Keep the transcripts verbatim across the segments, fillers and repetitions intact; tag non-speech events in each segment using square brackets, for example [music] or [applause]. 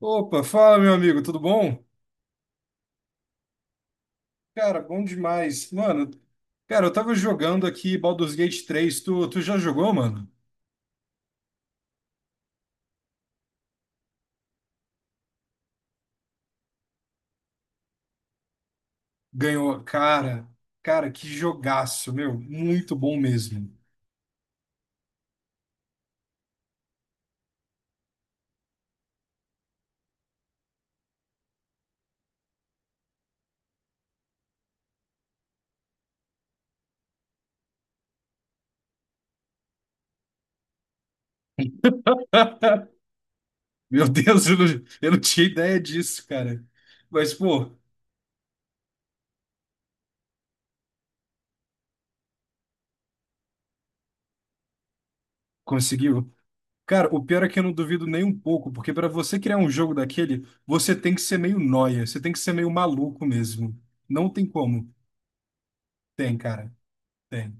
Opa, fala meu amigo, tudo bom? Cara, bom demais. Mano, cara, eu tava jogando aqui Baldur's Gate três. Tu, tu já jogou, mano? Ganhou. Cara, cara, que jogaço, meu. Muito bom mesmo. [laughs] Meu Deus, eu não, eu não tinha ideia disso, cara. Mas, pô, conseguiu. Cara, o pior é que eu não duvido nem um pouco, porque pra você criar um jogo daquele, você tem que ser meio nóia, você tem que ser meio maluco mesmo. Não tem como. Tem, cara. Tem.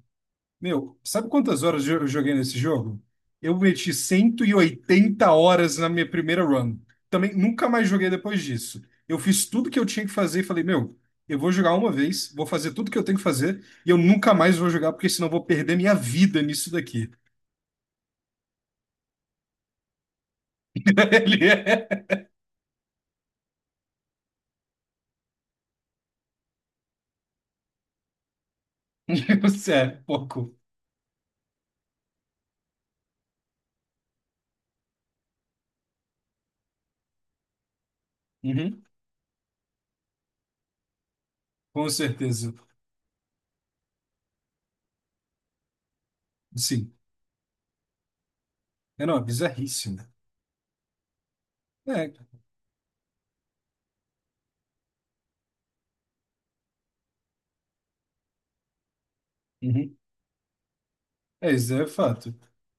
Meu, sabe quantas horas eu joguei nesse jogo? Eu meti cento e oitenta horas na minha primeira run. Também nunca mais joguei depois disso. Eu fiz tudo que eu tinha que fazer e falei, meu, eu vou jogar uma vez, vou fazer tudo que eu tenho que fazer e eu nunca mais vou jogar porque senão eu vou perder minha vida nisso daqui. [laughs] Ele é, você é pouco. Uhum. Com certeza. Sim. É, não, é bizarríssimo. É. Uhum. É, isso é fato.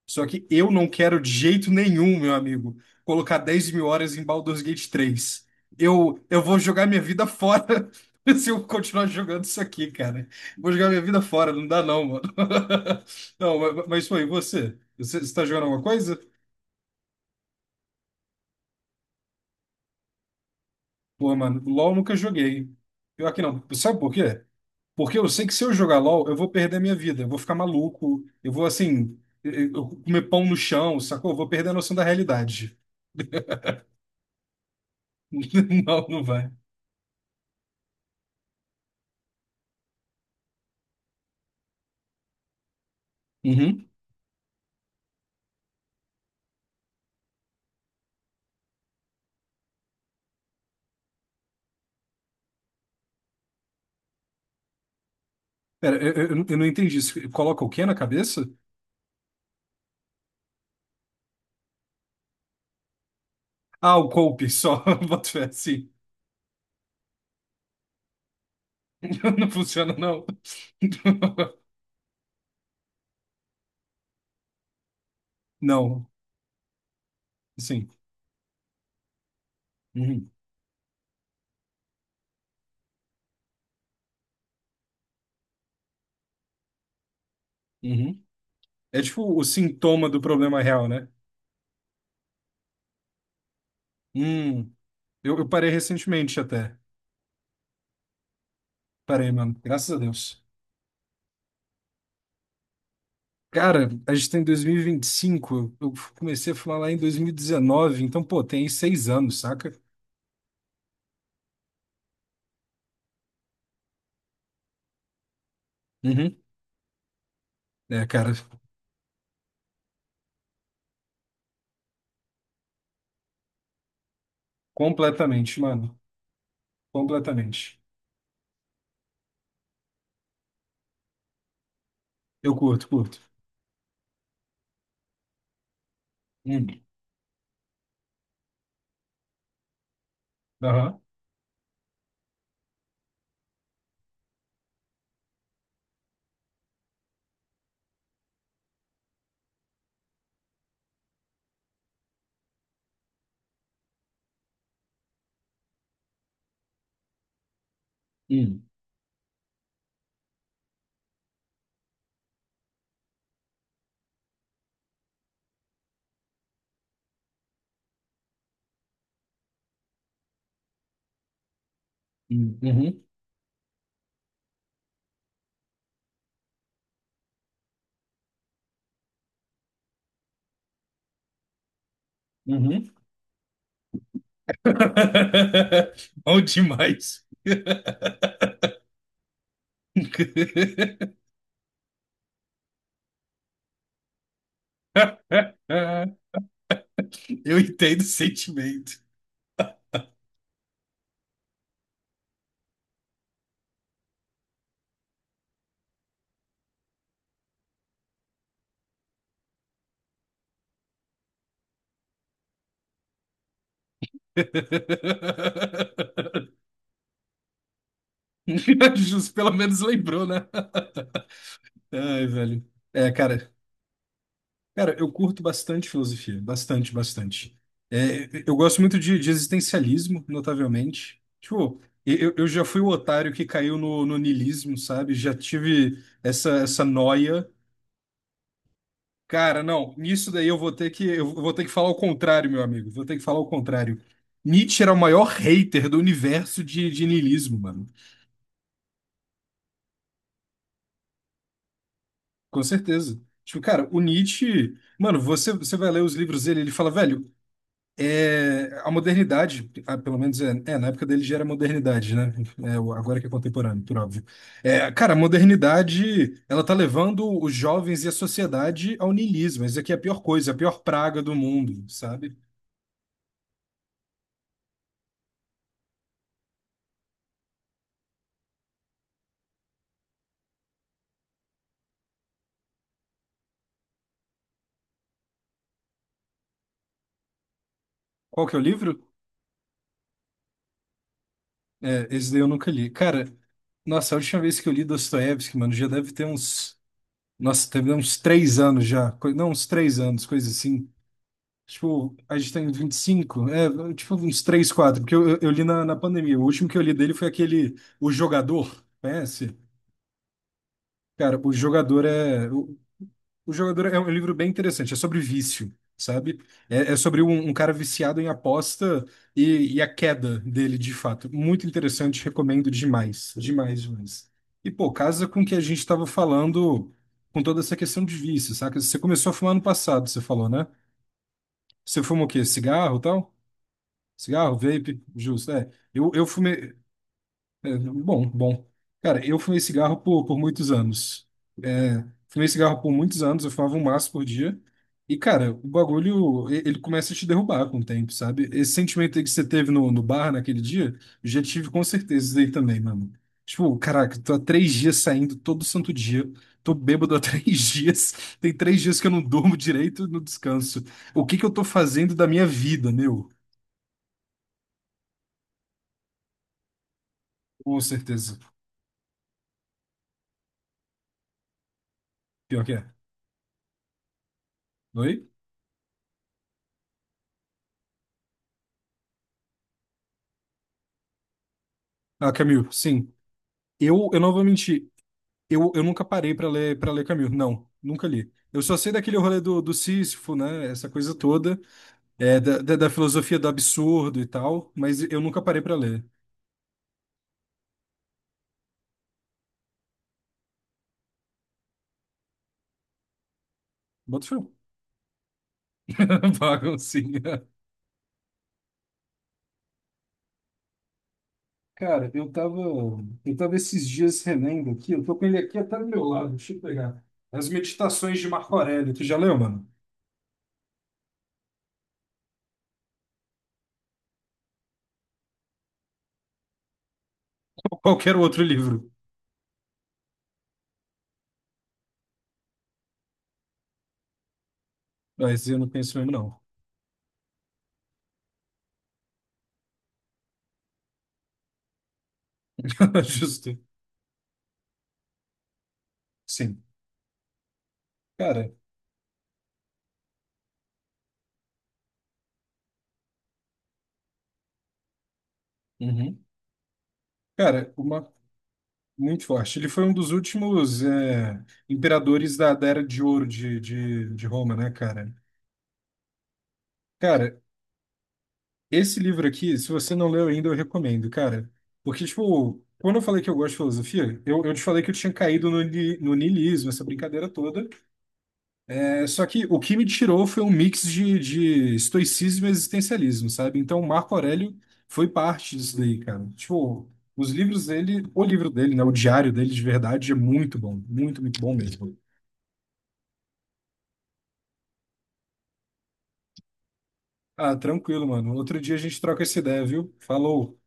Só que eu não quero de jeito nenhum, meu amigo, colocar dez mil horas em Baldur's Gate três. Eu, eu vou jogar minha vida fora [laughs] se eu continuar jogando isso aqui, cara. Vou jogar minha vida fora, não dá não, mano. [laughs] Não, mas, mas foi, e você? Você, está jogando alguma coisa? Pô, mano, LOL nunca joguei. Pior que não. Sabe por quê? Porque eu sei que se eu jogar LOL, eu vou perder a minha vida. Eu vou ficar maluco. Eu vou, assim, eu- eu comer pão no chão, sacou? Eu vou perder a noção da realidade. [laughs] Não, não vai. Uhum. Pera, eu, eu- eu não entendi isso. Coloca o quê na cabeça? Ah, o coupe, só. [laughs] Boto fé, sim. [laughs] Não funciona, não. [laughs] Não, sim. Uhum. Uhum. É tipo o sintoma do problema real, né? Hum. Eu, eu parei recentemente até. Parei, mano. Graças a Deus. Cara, a gente tá em dois mil e vinte e cinco. Eu comecei a fumar lá em dois mil e dezenove. Então, pô, tem aí seis anos, saca? Uhum. É, cara, completamente, mano. Completamente. Eu curto, curto. Hum. Aham. Hum. Hum. Uhum. Uhum. [laughs] Bom demais. [laughs] Eu entendo o sentimento. [laughs] Justo, pelo menos lembrou, né? [laughs] Ai, velho. É, cara, Cara, eu curto bastante filosofia, bastante, bastante. É, eu gosto muito de, de existencialismo, notavelmente. Tipo, eu, eu já fui o otário que caiu no, no niilismo, sabe? Já tive essa, essa noia. Cara, não, nisso daí eu vou ter que, eu vou ter que falar o contrário, meu amigo. Vou ter que falar o contrário. Nietzsche era o maior hater do universo de, de niilismo, mano. Com certeza. Tipo, cara, o Nietzsche. Mano, você, você vai ler os livros dele, ele fala, velho, é, a modernidade, ah, pelo menos é, é, na época dele já era modernidade, né? É, o- agora que é contemporâneo, por óbvio. É, cara, a modernidade, ela tá levando os jovens e a sociedade ao niilismo. Isso aqui é a pior coisa, a pior praga do mundo, sabe? Qual que é o livro? É, esse daí eu nunca li. Cara, nossa, a última vez que eu li Dostoiévski, mano, já deve ter uns... Nossa, deve ter uns três anos já. coi- Não, uns três anos, coisa assim. Tipo, a gente tem vinte e cinco é, tipo uns três quatro porque eu, eu eu li na, na pandemia. O último que eu li dele foi aquele O Jogador, conhece? Cara, O Jogador é. O, o Jogador é um livro bem interessante, é sobre vício, sabe? É, é sobre um, um cara viciado em aposta e, e a queda dele, de fato. Muito interessante, recomendo demais, demais, demais. E, pô, casa com o que a gente estava falando com toda essa questão de vício, saca? Você começou a fumar ano passado, você falou, né? Você fuma o quê? Cigarro e tal? Cigarro, vape, justo, é. Eu, eu fumei. É, bom, bom. Cara, eu fumei cigarro por, por muitos anos. É, fumei cigarro por muitos anos, eu fumava um maço por dia. E, cara, o bagulho, e- ele começa a te derrubar com o tempo, sabe? Esse sentimento aí que você teve no, no bar naquele dia, eu já tive com certeza isso aí também, mano. Tipo, caraca, tô há três dias saindo todo santo dia, tô bêbado há [laughs] três dias, tem três dias que eu não durmo direito, não descanso. O que que eu tô fazendo da minha vida, meu? Com certeza. Pior que é. Oi? Ah, Camus, sim. Eu, eu não vou mentir. Eu, eu nunca parei para ler para ler Camus. Não, nunca li. Eu só sei daquele rolê do, do Sísifo, né? Essa coisa toda, é, da, da, da filosofia do absurdo e tal, mas eu nunca parei para ler. Bota fé. [laughs] Baguncinha. Cara, eu tava, eu tava esses dias relendo aqui, eu tô com ele aqui até do meu lado, deixa eu pegar. As Meditações de Marco Aurélio, tu já leu, mano? Ou qualquer outro livro. Mas eu não penso mesmo, não. [laughs] Justo. Sim. Cara. Uhum. Cara, uma, muito forte. Ele foi um dos últimos é, imperadores da, da Era de Ouro de, de, de Roma, né, cara? Cara, esse livro aqui, se você não leu ainda, eu recomendo, cara. Porque, tipo, quando eu falei que eu gosto de filosofia, eu, eu te falei que eu tinha caído no, ni- no niilismo, essa brincadeira toda. É, só que o que me tirou foi um mix de, de estoicismo e existencialismo, sabe? Então, o Marco Aurélio foi parte disso daí, cara. Tipo, os livros dele, o livro dele, né? O diário dele de verdade é muito bom. Muito, muito bom mesmo. Ah, tranquilo, mano. Outro dia a gente troca essa ideia, viu? Falou.